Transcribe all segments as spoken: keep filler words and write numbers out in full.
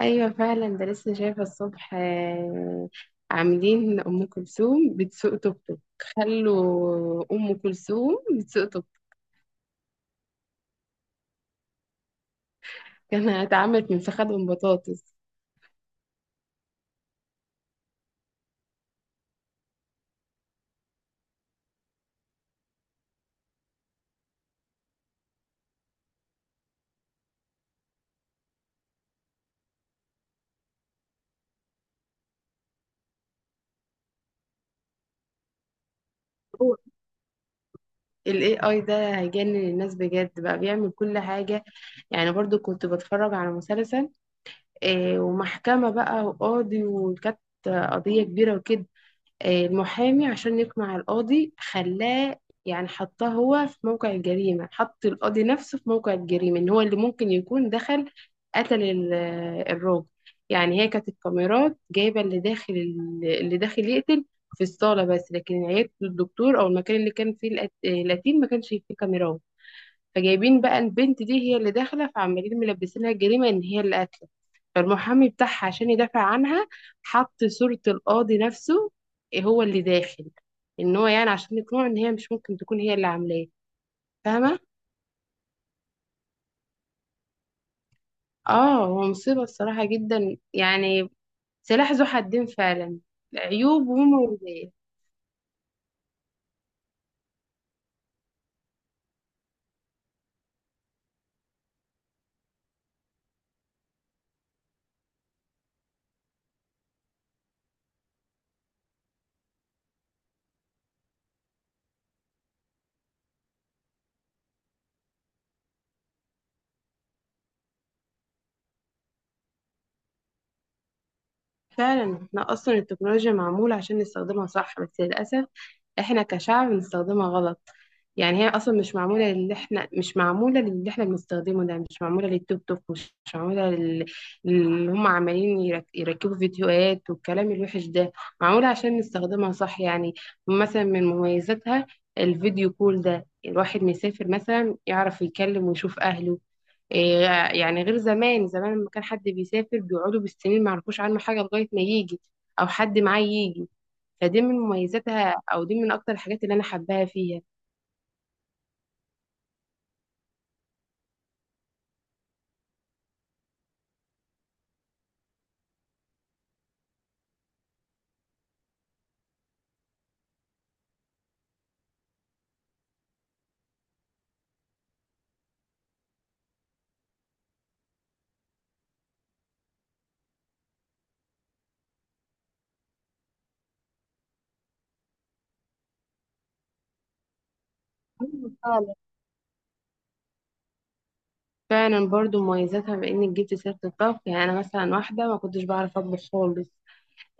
ايوه فعلا، ده لسه شايفه الصبح آه، عاملين ام كلثوم بتسوق توك توك. خلوا ام كلثوم بتسوق توك توك انا اتعملت من فخدهم بطاطس. هو الاي اي ده هيجنن الناس بجد، بقى بيعمل كل حاجه. يعني برضو كنت بتفرج على مسلسل آه، ومحكمه بقى وقاضي، وكانت قضيه كبيره وكده. آه، المحامي عشان يقنع القاضي خلاه يعني حطاه هو في موقع الجريمة، حط القاضي نفسه في موقع الجريمة ان هو اللي ممكن يكون دخل قتل ال- آه، الراجل. يعني هي كانت الكاميرات جايبة اللي داخل اللي داخل يقتل في الصالة، بس لكن عيادة الدكتور او المكان اللي كان فيه الأت- آه، القتيل ما كانش فيه كاميرات. فجايبين بقى البنت دي هي اللي داخله، فعمالين ملبسينها الجريمه ان هي اللي قاتله. فالمحامي بتاعها عشان يدافع عنها حط صوره القاضي نفسه، إيه، هو اللي داخل، ان هو يعني عشان يقنعه ان هي مش ممكن تكون هي اللي عاملاه. فاهمه. اه، هو مصيبه الصراحه جدا يعني. سلاح ذو حدين فعلا. عيوب ومميزات. فعلا، احنا اصلا التكنولوجيا معمولة عشان نستخدمها صح، بس للأسف احنا كشعب بنستخدمها غلط. يعني هي اصلا مش معمولة للي احنا، مش معمولة للي احنا بنستخدمه ده. مش معمولة للتيك توك، مش معمولة لل- اللي هم عمالين يرك- يركبوا فيديوهات والكلام الوحش ده. معمولة عشان نستخدمها صح يعني. مثلا من مميزاتها الفيديو كول ده، الواحد مسافر مثلا يعرف يكلم ويشوف أهله. إيه، يعني غير زمان. زمان لما كان حد بيسافر بيقعدوا بالسنين ما يعرفوش عنه حاجة لغاية ما يجي، أو حد معاه يجي. فدي من مميزاتها، أو دي من أكتر الحاجات اللي أنا حباها فيها. أيوة فعلا. فعلا برضو مميزاتها، بإنك جبت سيرة الطبخ. يعني أنا مثلا واحدة ما كنتش بعرف أطبخ خالص.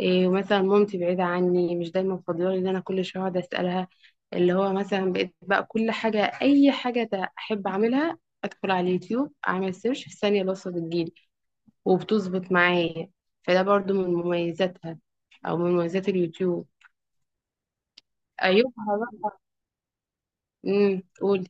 إيه، مثلا مامتي بعيدة عني، مش دايما فاضية إن أنا كل شوية أقعد أسألها. اللي هو مثلا بقيت بقى كل حاجة، أي حاجة أحب أعملها أدخل على اليوتيوب أعمل سيرش، في ثانية الوصفة بتجيلي وبتظبط معايا. فده برضو من مميزاتها، او من مميزات اليوتيوب. عيوبها بقى. امم، قولي.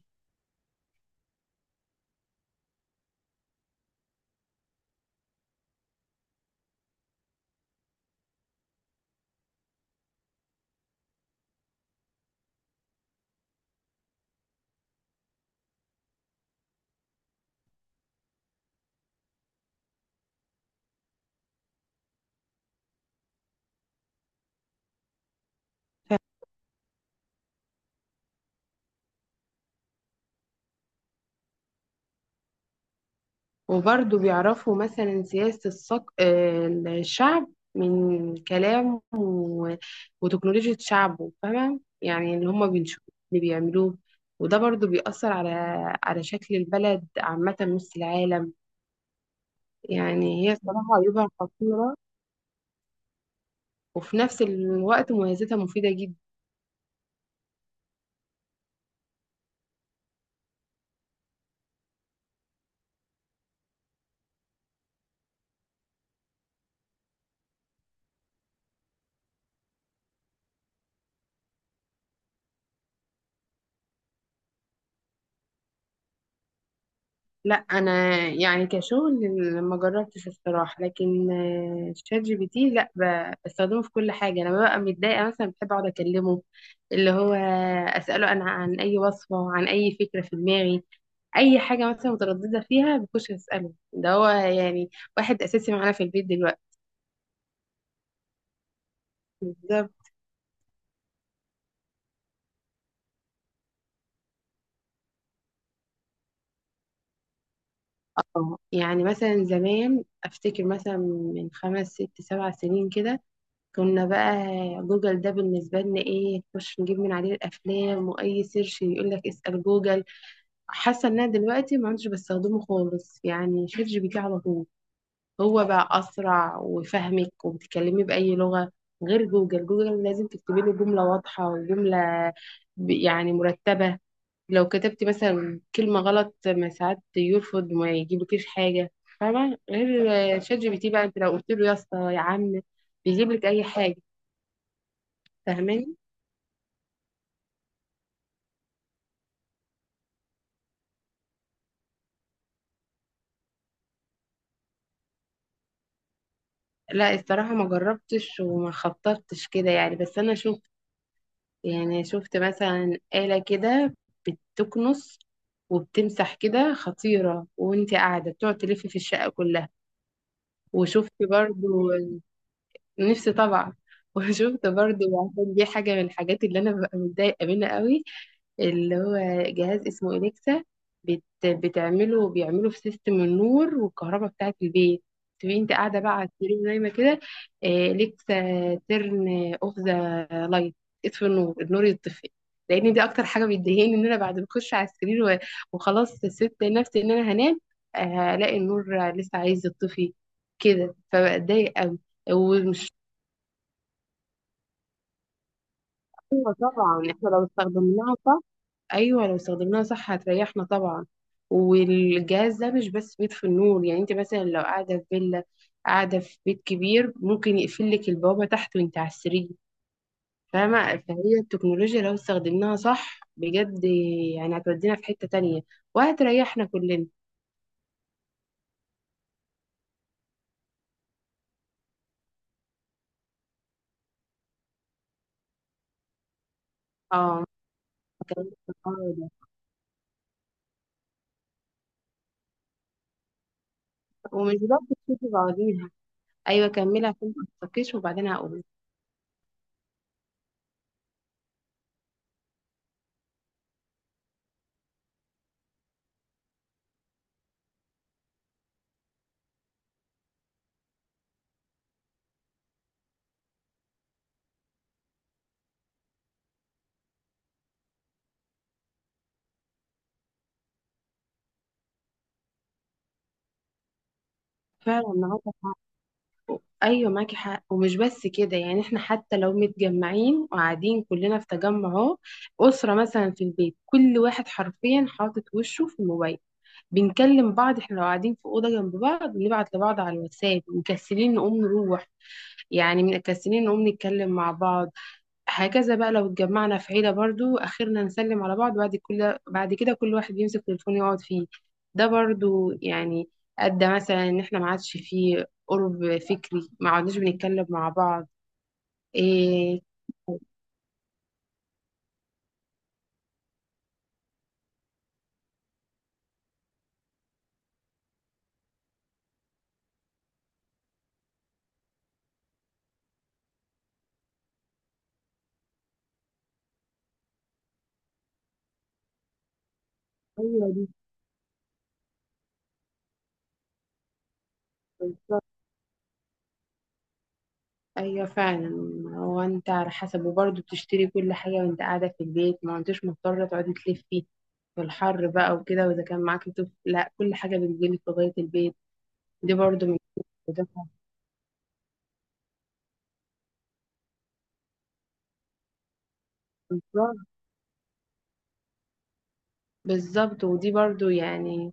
وبرضو بيعرفوا مثلا سياسة الصق... آه، الشعب من كلام و... وتكنولوجيا شعبه، فاهمة يعني اللي هم بيشوفوا اللي بيعملوه. وده برضو بيأثر على على شكل البلد عامة، نص العالم. يعني هي صراحة عيوبها خطيرة، وفي نفس الوقت مميزاتها مفيدة جدا. لا، انا يعني كشغل ما جربتش الصراحه، لكن آه، شات جي بي تي لا، ب- بستخدمه في كل حاجه. لما ببقى متضايقه مثلا بحب اقعد اكلمه، اللي هو اساله انا عن اي وصفه، عن اي فكره في دماغي، اي حاجه مثلا متردده فيها بخش اساله. ده هو يعني واحد اساسي معانا في البيت دلوقتي. بالظبط. اه، يعني مثلا زمان افتكر مثلا من خمس ست سبع سنين كده، كنا بقى جوجل ده بالنسبة لنا ايه؟ نخش نجيب من عليه الأفلام، وأي سيرش يقول لك اسأل جوجل. حاسة ان انا دلوقتي ما عدتش بستخدمه خالص، يعني شات جي بي تي على طول. هو بقى أسرع وفهمك وبتتكلمي بأي لغة. غير جوجل، جوجل لازم تكتبي له جملة واضحة وجملة ب- يعني مرتبة. لو كتبتي مثلا كلمة غلط ما ساعات يرفض، ما يجيبلكيش حاجة. فاهمة؟ غير شات جي بي تي بقى، انت لو قلت له يا اسطى يا عم بيجيب لك أي حاجة. فاهماني. لا الصراحة ما جربتش وما خططتش كده يعني، بس أنا شفت، يعني شفت مثلا آلة كده بتكنس وبتمسح كده خطيرة، وانت قاعدة بتقعد تلف في الشقة كلها. وشفت برضو، نفسي طبعا وشفت برضو، عشان دي حاجة من الحاجات اللي أنا ببقى متضايقة منها قوي، اللي هو جهاز اسمه إليكسا. بت... بتعمله بيعمله في سيستم النور والكهرباء بتاعة البيت. تبقي انت قاعدة بقى على السرير نايمة كده، آه، إليكسا، ترن اوف ذا لايت، اطفي النور، النور يطفي. لان دي اكتر حاجة بتضايقني، ان انا بعد ما اخش على السرير و- وخلاص سبت نفسي ان انا هنام، آه، هلاقي النور لسه عايز يطفي كده، فبتضايق قوي. والمشكلة طبعا احنا لو استخدمناها صح، ايوه لو استخدمناها صح هتريحنا طبعا. والجهاز ده مش بس بيطفي النور، يعني انت مثلا لو قاعده في فيلا، قاعده في بيت كبير، ممكن يقفل لك البوابه تحت وانت على السرير. فاهمه؟ فهي التكنولوجيا لو استخدمناها صح بجد، يعني هتودينا في حته تانية، وهتريحنا كلنا. اه. هكمل في الحوار ده. ومش بس تشوفي بعضيها. ايوه كملي عشان ما تتفكيش، وبعدين هقول. فعلا. ايوه معاكي حق، ومش بس كده. يعني احنا حتى لو متجمعين وقاعدين كلنا في تجمع، اهو اسره مثلا في البيت، كل واحد حرفيا حاطط وشه في الموبايل. بنكلم بعض، احنا لو قاعدين في اوضه جنب بعض بنبعت لبعض على الواتساب، مكسلين نقوم نروح، يعني مكسلين نقوم نتكلم مع بعض. هكذا بقى لو اتجمعنا في عيلة برضو، آخرنا نسلم على بعض، بعد كل بعد كده كل واحد يمسك تليفون يقعد فيه. ده برضو يعني أدى مثلا إن إحنا ما عادش فيه قرب فكري، ما عدناش بنتكلم مع بعض. إيه. أيوة دي. أيوة فعلا. هو أنت على حسب. وبرضو بتشتري كل حاجة وأنت قاعدة في البيت، ما أنتش مضطرة تقعدي تلفي في الحر بقى وكده، وإذا كان معاكي طفل لا، كل حاجة بتجيلك لغاية البيت. دي برضو من. بالظبط، ودي برضو يعني.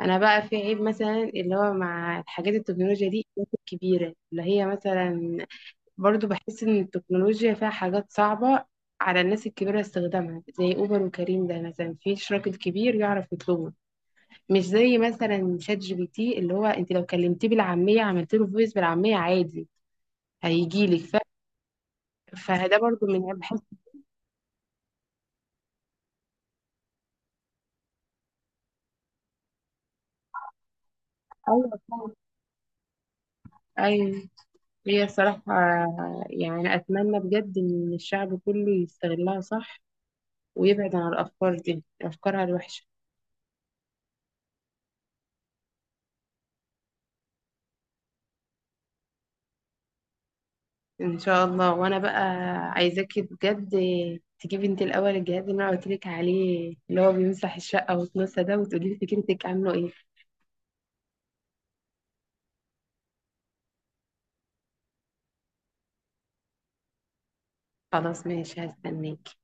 انا بقى في عيب مثلا اللي هو مع الحاجات التكنولوجيا دي ممكن كبيره، اللي هي مثلا برضو بحس ان التكنولوجيا فيها حاجات صعبه على الناس الكبيره استخدامها. زي اوبر وكريم ده مثلا، في اشراك الكبير يعرف يطلبه؟ مش زي مثلا شات جي بي تي اللي هو انت لو كلمتيه بالعاميه عملت له فويس بالعاميه عادي هيجي لك ف... فده برضو من عيب بحس. ايوه طبعاً. ايوه. هي صراحه يعني اتمنى بجد ان الشعب كله يستغلها صح، ويبعد عن الأفكار دي أفكارها الوحشة. إن شاء الله. وأنا بقى عايزاكي بجد تجيبي أنت الأول الجهاز اللي أنا قلتلك عليه اللي هو بيمسح الشقة وتنسى ده، وتقولي لي فكرتك عامله إيه. خلاص ماشي، هستناكي.